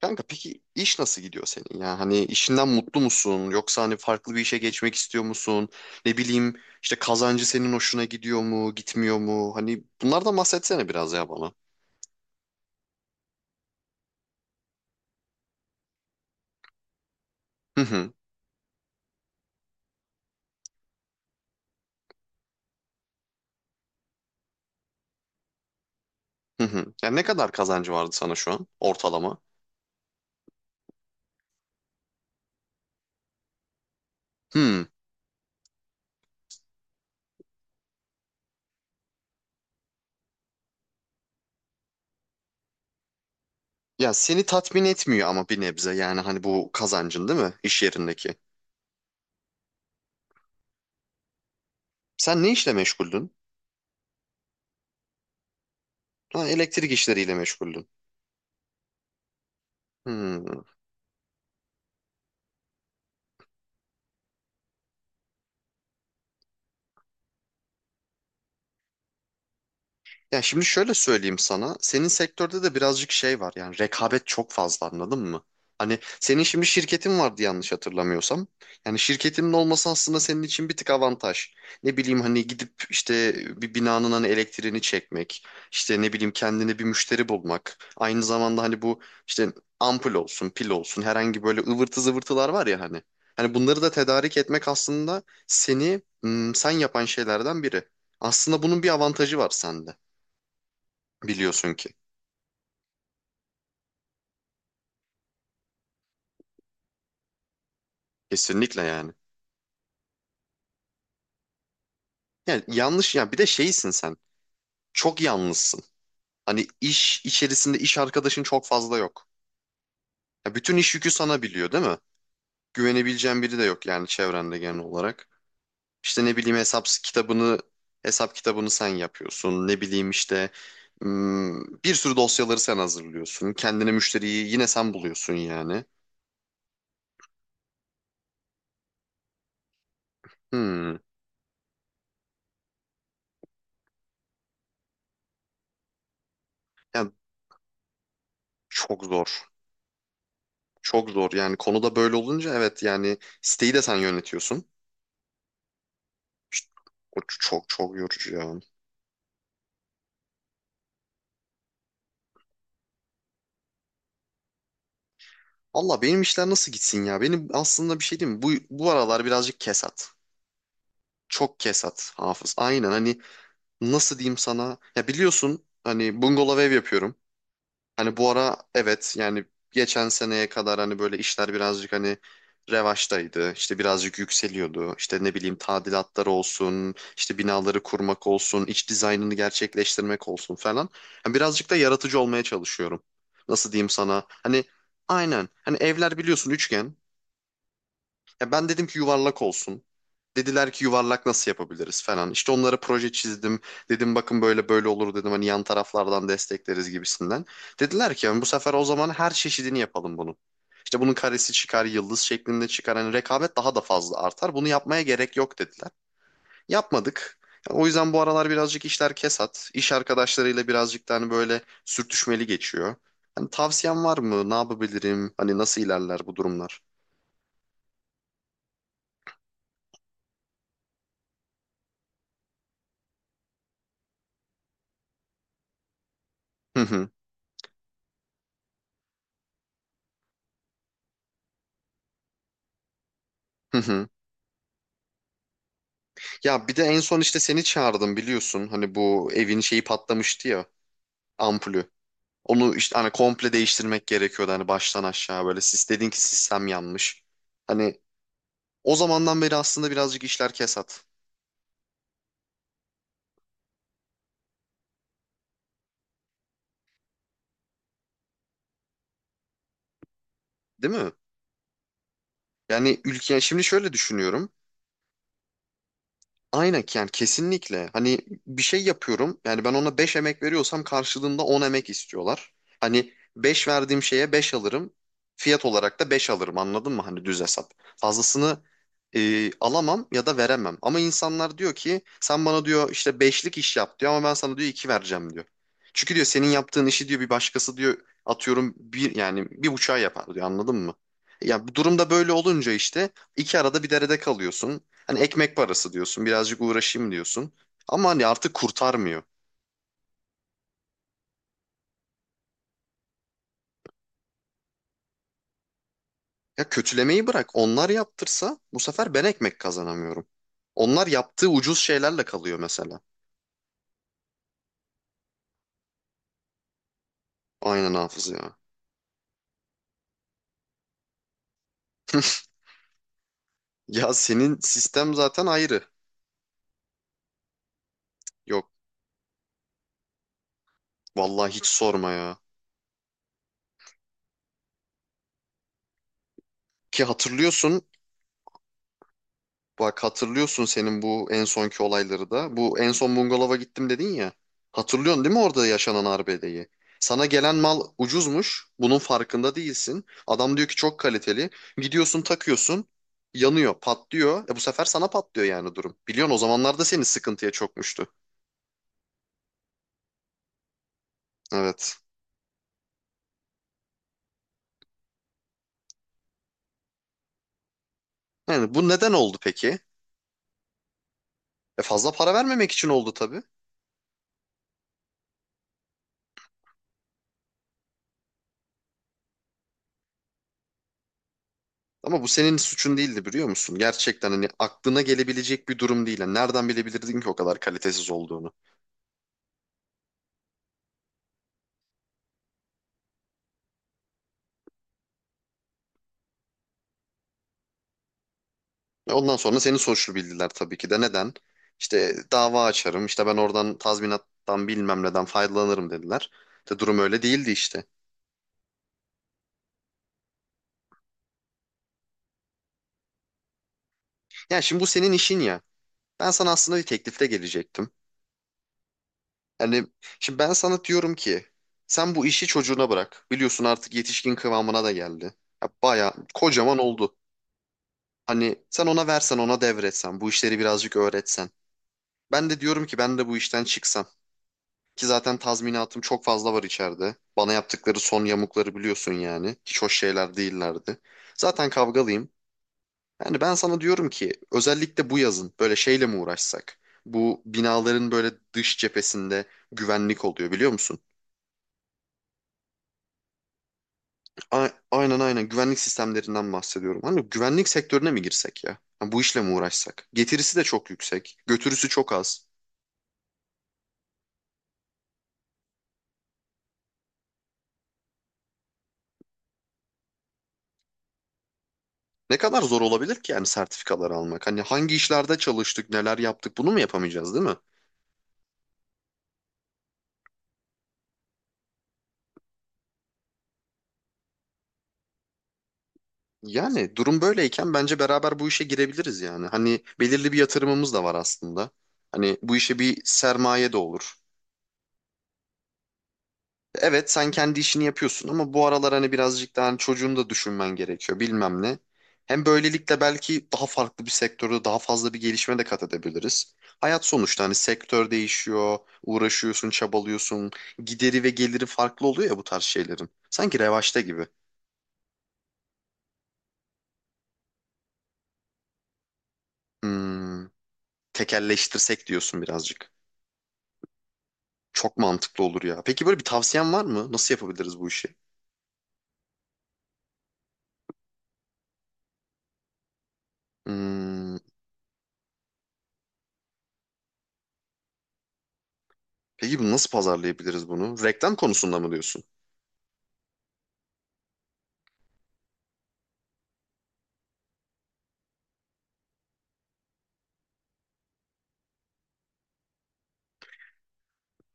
Kanka peki iş nasıl gidiyor senin ya? Hani işinden mutlu musun? Yoksa hani farklı bir işe geçmek istiyor musun? Ne bileyim işte kazancı senin hoşuna gidiyor mu, gitmiyor mu? Hani bunlardan bahsetsene biraz ya bana. Hı hı hı hı. Ya ne kadar kazancı vardı sana şu an ortalama? Hmm. Ya seni tatmin etmiyor ama bir nebze yani hani bu kazancın değil mi iş yerindeki? Sen ne işle meşguldün? Ha, elektrik işleriyle meşguldün. Hmm. Ya şimdi şöyle söyleyeyim sana. Senin sektörde de birazcık şey var. Yani rekabet çok fazla anladın mı? Hani senin şimdi şirketin vardı yanlış hatırlamıyorsam. Yani şirketinin olması aslında senin için bir tık avantaj. Ne bileyim hani gidip işte bir binanın hani elektriğini çekmek, işte ne bileyim kendine bir müşteri bulmak. Aynı zamanda hani bu işte ampul olsun, pil olsun herhangi böyle ıvırtı zıvırtılar var ya hani. Hani bunları da tedarik etmek aslında seni sen yapan şeylerden biri. Aslında bunun bir avantajı var sende. Biliyorsun ki. Kesinlikle yani. Yani yanlış ya bir de şeysin sen. Çok yalnızsın. Hani iş içerisinde iş arkadaşın çok fazla yok. Ya bütün iş yükü sana biliyor değil mi? Güvenebileceğin biri de yok yani çevrende genel olarak. İşte ne bileyim hesap kitabını sen yapıyorsun. Ne bileyim işte bir sürü dosyaları sen hazırlıyorsun. Kendine müşteriyi yine sen buluyorsun yani. Hmm. Yani çok zor. Çok zor yani konuda böyle olunca evet yani siteyi de sen yönetiyorsun. O çok çok yorucu ya. Allah benim işler nasıl gitsin ya? Benim aslında bir şey diyeyim mi? Bu aralar birazcık kesat. Çok kesat Hafız. Aynen hani nasıl diyeyim sana? Ya biliyorsun hani bungalov ev yapıyorum. Hani bu ara evet yani geçen seneye kadar hani böyle işler birazcık hani revaçtaydı. İşte birazcık yükseliyordu. İşte ne bileyim tadilatlar olsun, işte binaları kurmak olsun, iç dizaynını gerçekleştirmek olsun falan. Hani birazcık da yaratıcı olmaya çalışıyorum. Nasıl diyeyim sana? Hani aynen. Hani evler biliyorsun üçgen. Ya ben dedim ki yuvarlak olsun. Dediler ki yuvarlak nasıl yapabiliriz falan. İşte onlara proje çizdim. Dedim bakın böyle böyle olur dedim. Hani yan taraflardan destekleriz gibisinden. Dediler ki yani bu sefer o zaman her çeşidini yapalım bunun. İşte bunun karesi çıkar, yıldız şeklinde çıkar. Hani rekabet daha da fazla artar. Bunu yapmaya gerek yok dediler. Yapmadık. O yüzden bu aralar birazcık işler kesat. İş arkadaşlarıyla birazcık da hani böyle sürtüşmeli geçiyor. Hani tavsiyen var mı? Ne yapabilirim? Hani nasıl ilerler bu durumlar? Hı hı. Hı hı. Ya bir de en son işte seni çağırdım biliyorsun. Hani bu evin şeyi patlamıştı ya ampulü. Onu işte hani komple değiştirmek gerekiyordu hani baştan aşağı böyle. Siz dedin ki sistem yanmış. Hani o zamandan beri aslında birazcık işler kesat. Değil mi? Yani ülke şimdi şöyle düşünüyorum. Aynen yani kesinlikle. Hani bir şey yapıyorum. Yani ben ona 5 emek veriyorsam karşılığında 10 emek istiyorlar. Hani 5 verdiğim şeye 5 alırım. Fiyat olarak da 5 alırım anladın mı? Hani düz hesap. Fazlasını alamam ya da veremem. Ama insanlar diyor ki sen bana diyor işte beşlik iş yap diyor ama ben sana diyor 2 vereceğim diyor. Çünkü diyor senin yaptığın işi diyor bir başkası diyor atıyorum bir yani bir buçuğa yapar diyor anladın mı? Ya bu durumda böyle olunca işte iki arada bir derede kalıyorsun. Hani ekmek parası diyorsun, birazcık uğraşayım diyorsun. Ama hani artık kurtarmıyor. Ya kötülemeyi bırak. Onlar yaptırsa bu sefer ben ekmek kazanamıyorum. Onlar yaptığı ucuz şeylerle kalıyor mesela. Aynen hafız ya. Ya senin sistem zaten ayrı. Yok vallahi hiç sorma ya. Ki hatırlıyorsun bak hatırlıyorsun senin bu en sonki olayları da. Bu en son bungalova gittim dedin ya. Hatırlıyorsun değil mi orada yaşanan arbedeyi? Sana gelen mal ucuzmuş. Bunun farkında değilsin. Adam diyor ki çok kaliteli. Gidiyorsun takıyorsun. Yanıyor, patlıyor. E bu sefer sana patlıyor yani durum. Biliyorsun o zamanlarda seni sıkıntıya çokmuştu. Evet. Yani bu neden oldu peki? E fazla para vermemek için oldu tabii. Ama bu senin suçun değildi biliyor musun? Gerçekten hani aklına gelebilecek bir durum değil. Yani nereden bilebilirdin ki o kadar kalitesiz olduğunu? Ve ondan sonra seni suçlu bildiler tabii ki de. Neden? İşte dava açarım, işte ben oradan tazminattan bilmem neden faydalanırım dediler. De durum öyle değildi işte. Yani şimdi bu senin işin ya. Ben sana aslında bir teklifle gelecektim. Hani şimdi ben sana diyorum ki sen bu işi çocuğuna bırak. Biliyorsun artık yetişkin kıvamına da geldi. Ya bayağı kocaman oldu. Hani sen ona versen ona devretsen bu işleri birazcık öğretsen. Ben de diyorum ki ben de bu işten çıksam. Ki zaten tazminatım çok fazla var içeride. Bana yaptıkları son yamukları biliyorsun yani. Hiç hoş şeyler değillerdi. Zaten kavgalıyım. Yani ben sana diyorum ki özellikle bu yazın böyle şeyle mi uğraşsak? Bu binaların böyle dış cephesinde güvenlik oluyor biliyor musun? Aynen aynen güvenlik sistemlerinden bahsediyorum. Hani güvenlik sektörüne mi girsek ya? Ha, bu işle mi uğraşsak? Getirisi de çok yüksek, götürüsü çok az. Ne kadar zor olabilir ki yani sertifikaları almak? Hani hangi işlerde çalıştık, neler yaptık bunu mu yapamayacağız değil mi? Yani durum böyleyken bence beraber bu işe girebiliriz yani. Hani belirli bir yatırımımız da var aslında. Hani bu işe bir sermaye de olur. Evet sen kendi işini yapıyorsun ama bu aralar hani birazcık daha hani çocuğunu da düşünmen gerekiyor bilmem ne. Hem böylelikle belki daha farklı bir sektörde daha fazla bir gelişme de kat edebiliriz. Hayat sonuçta hani sektör değişiyor, uğraşıyorsun, çabalıyorsun. Gideri ve geliri farklı oluyor ya bu tarz şeylerin. Sanki revaçta gibi. Hmm, tekelleştirsek diyorsun birazcık. Çok mantıklı olur ya. Peki böyle bir tavsiyen var mı? Nasıl yapabiliriz bu işi? Hmm, peki bu nasıl pazarlayabiliriz bunu? Reklam konusunda mı diyorsun?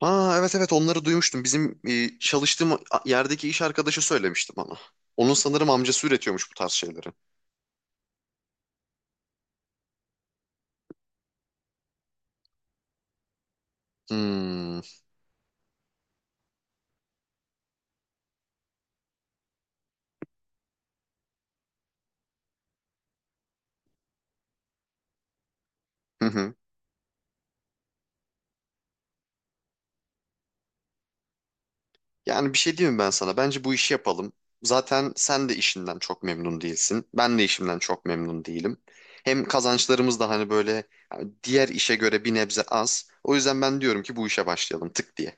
Aa evet evet onları duymuştum. Bizim çalıştığım yerdeki iş arkadaşı söylemişti bana. Onun sanırım amcası üretiyormuş bu tarz şeyleri. Hmm, hı hı. Yani bir şey diyeyim mi ben sana? Bence bu işi yapalım. Zaten sen de işinden çok memnun değilsin. Ben de işimden çok memnun değilim. Hem kazançlarımız da hani böyle yani diğer işe göre bir nebze az. O yüzden ben diyorum ki bu işe başlayalım tık diye.